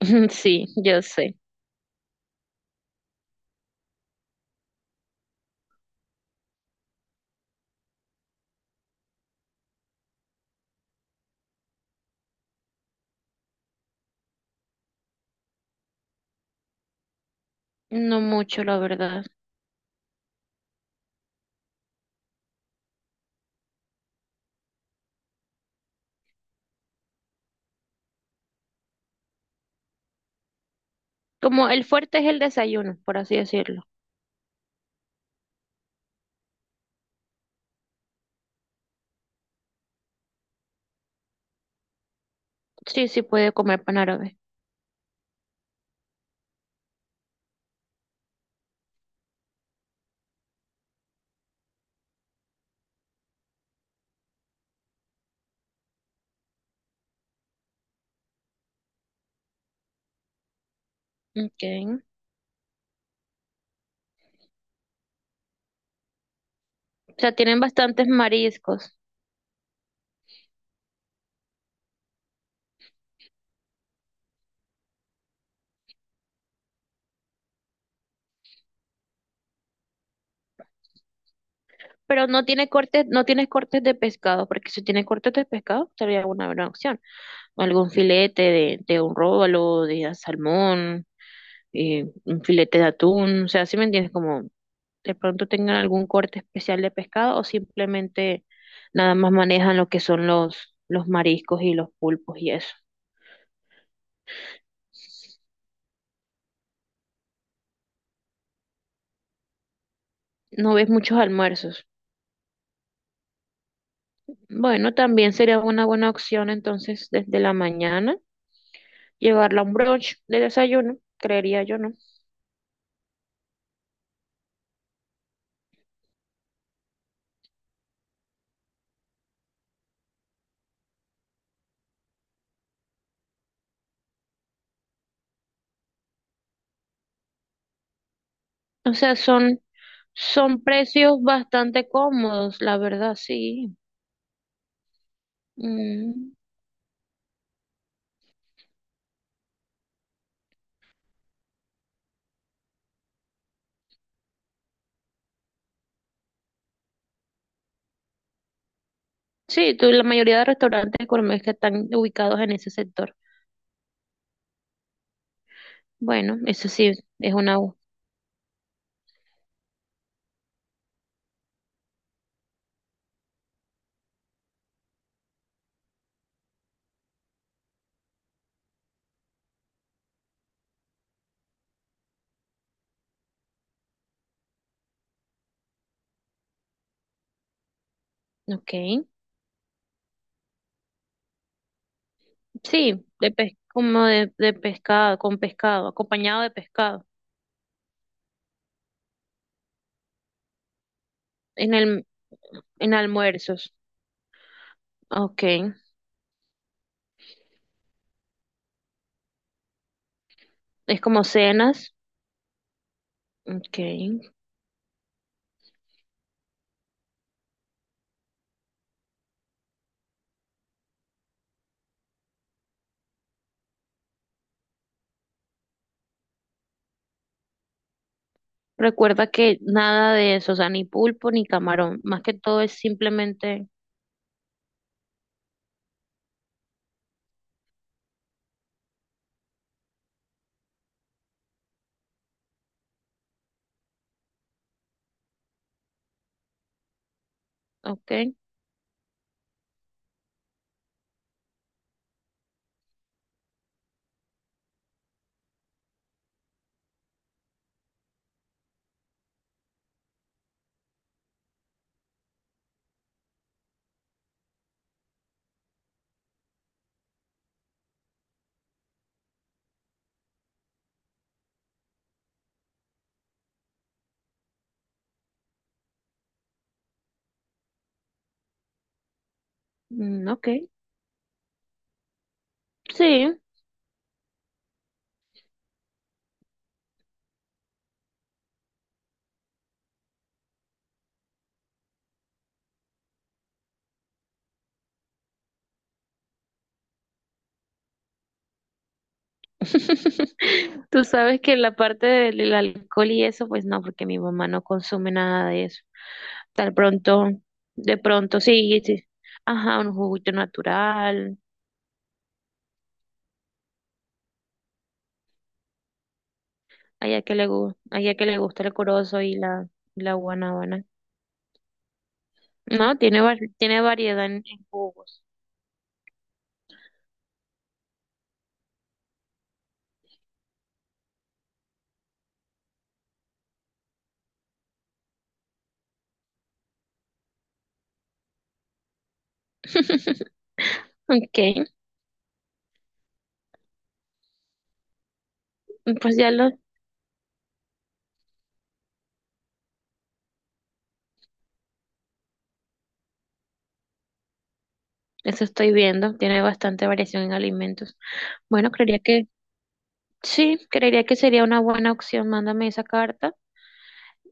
Sí, yo sé. No mucho, la verdad. Como el fuerte es el desayuno, por así decirlo. Sí, sí puede comer pan árabe. Okay. O sea, tienen bastantes mariscos, pero no tiene cortes, no tiene cortes de pescado, porque si tiene cortes de pescado sería una buena opción. O algún filete de un róbalo, de salmón, un filete de atún, o sea, ¿si me entiendes? Como de pronto tengan algún corte especial de pescado o simplemente nada más manejan lo que son los mariscos y los pulpos y eso. No ves muchos almuerzos. Bueno, también sería una buena opción entonces desde la mañana llevarla a un brunch de desayuno, creería yo, ¿no? O sea, son, son precios bastante cómodos, la verdad, sí. Mm, sí, tú- la mayoría de restaurantes gourmet que están ubicados en ese sector. Bueno, eso sí es una... u- ok. Sí, de pes- como de pescado, con pescado, acompañado de pescado, en el, en almuerzos. Okay. Es como cenas. Okay. Recuerda que nada de eso, o sea, ni pulpo ni camarón. Más que todo es simplemente, okay. Mm, okay. Sí. Tú sabes que la parte del alcohol y eso, pues no, porque mi mamá no consume nada de eso. Tal pronto, de pronto, sí, sí. Ajá, un juguito natural. Allá que le gusta, allá que le gusta el corozo y la guanábana. No, tiene, var- tiene variedad en jugos. Ok, pues ya lo, eso estoy viendo. Tiene bastante variación en alimentos. Bueno, creería que sí, creería que sería una buena opción. Mándame esa carta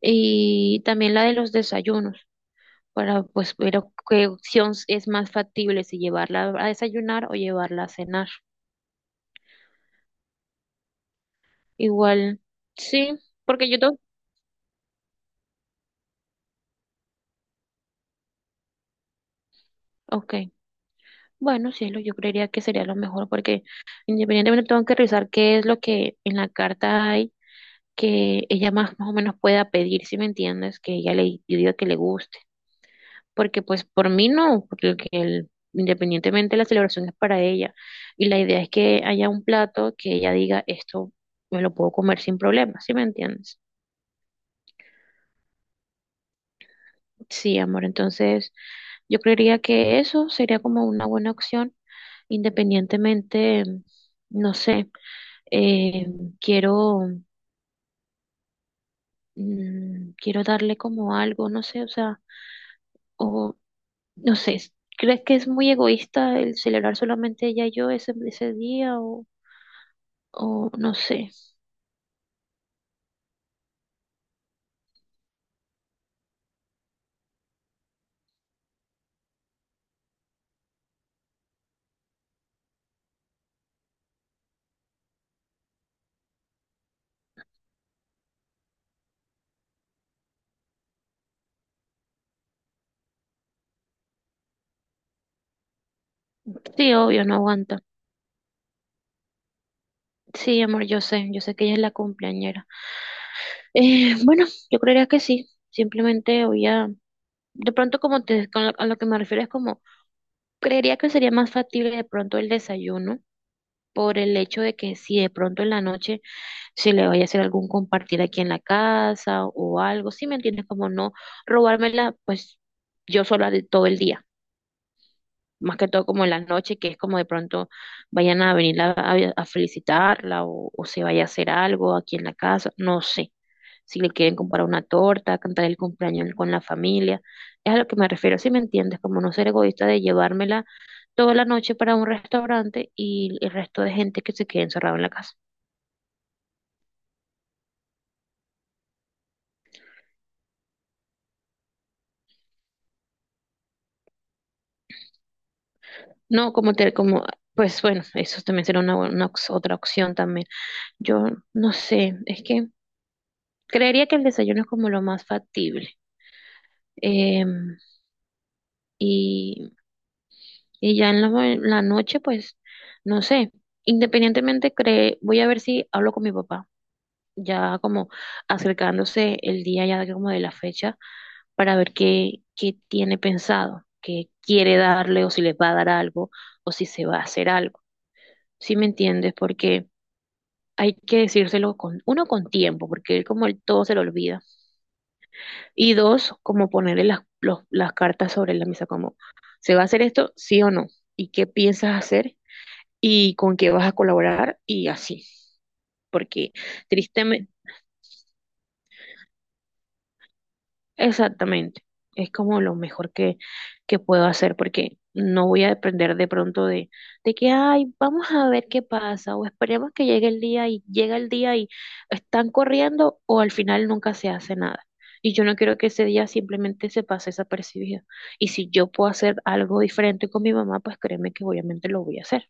y también la de los desayunos para pues ver qué opción es más factible, si llevarla a desayunar o llevarla a cenar. Igual, sí, porque yo tengo, ok. Bueno, sí, es lo, yo creería que sería lo mejor porque independientemente tengo que revisar qué es lo que en la carta hay que ella más, más o menos pueda pedir, si me entiendes, que ella le yo diga que le guste. Porque pues por mí no, porque el- independientemente la celebración es para ella. Y la idea es que haya un plato que ella diga, esto me lo puedo comer sin problema, ¿si me entiendes? Sí, amor, entonces yo creería que eso sería como una buena opción, independientemente, no sé. eh, Quiero, mm, quiero darle como algo, no sé, o sea, o no sé, es- ¿crees que es muy egoísta el celebrar solamente ella y yo ese, ese día o no sé? Sí, obvio, no aguanta. Sí, amor, yo sé que ella es la cumpleañera. Bueno, yo creería que sí, simplemente voy a, de pronto como te, con lo- a lo que me refiero es como, creería que sería más factible de pronto el desayuno por el hecho de que si de pronto en la noche se le vaya a hacer algún compartir aquí en la casa o algo, ¿sí me entiendes? Como no robármela, pues yo sola de todo el día más que todo como en la noche, que es como de pronto vayan a venir a felicitarla o se vaya a hacer algo aquí en la casa, no sé. Si le quieren comprar una torta, cantar el cumpleaños con la familia, es a lo que me refiero, si me entiendes, como no ser egoísta de llevármela toda la noche para un restaurante y el resto de gente que se quede encerrado en la casa. No, como te, como, pues bueno, eso también será una ox- otra opción también. Yo no sé, es que creería que el desayuno es como lo más factible. Em, y, y ya en la, ma- la noche, pues, no sé, independientemente, cre- voy a ver si hablo con mi papá, ya como acercándose el día ya como de la fecha, para ver qué, qué tiene pensado, qué quiere darle o si les va a dar algo o si se va a hacer algo, ¿sí me entiendes? Porque hay que decírselo con, uno, con tiempo, porque él como él todo se lo olvida, y dos, como ponerle las, los- las cartas sobre la mesa, como, ¿se va a hacer esto, sí o no? ¿Y qué piensas hacer? Y con qué vas a colaborar y así, porque tristemente, exactamente, es como lo mejor que puedo hacer, porque no voy a depender de pronto de que, ay, vamos a ver qué pasa, o esperemos que llegue el día y llega el día y están corriendo, o al final nunca se hace nada. Y yo no quiero que ese día simplemente se pase desapercibido. Y si yo puedo hacer algo diferente con mi mamá, pues créeme que obviamente lo voy a hacer.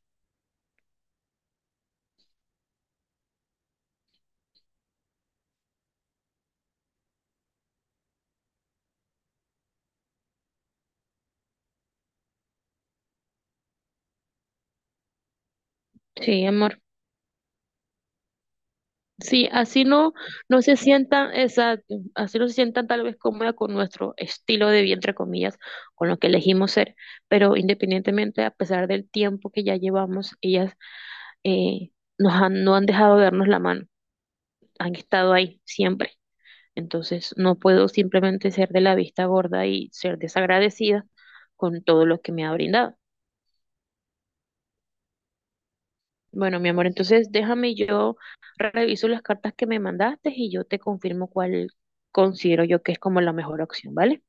Sí, amor. Sí, así no, no se sientan, exacto, así no se sientan tal vez cómoda con nuestro estilo de vida, entre comillas, con lo que elegimos ser, pero independientemente, a pesar del tiempo que ya llevamos, ellas eh, nos han, no han dejado de darnos la mano, han estado ahí siempre. Entonces, no puedo simplemente ser de la vista gorda y ser desagradecida con todo lo que me ha brindado. Bueno, mi amor, entonces déjame yo reviso las cartas que me mandaste y yo te confirmo cuál considero yo que es como la mejor opción, ¿vale?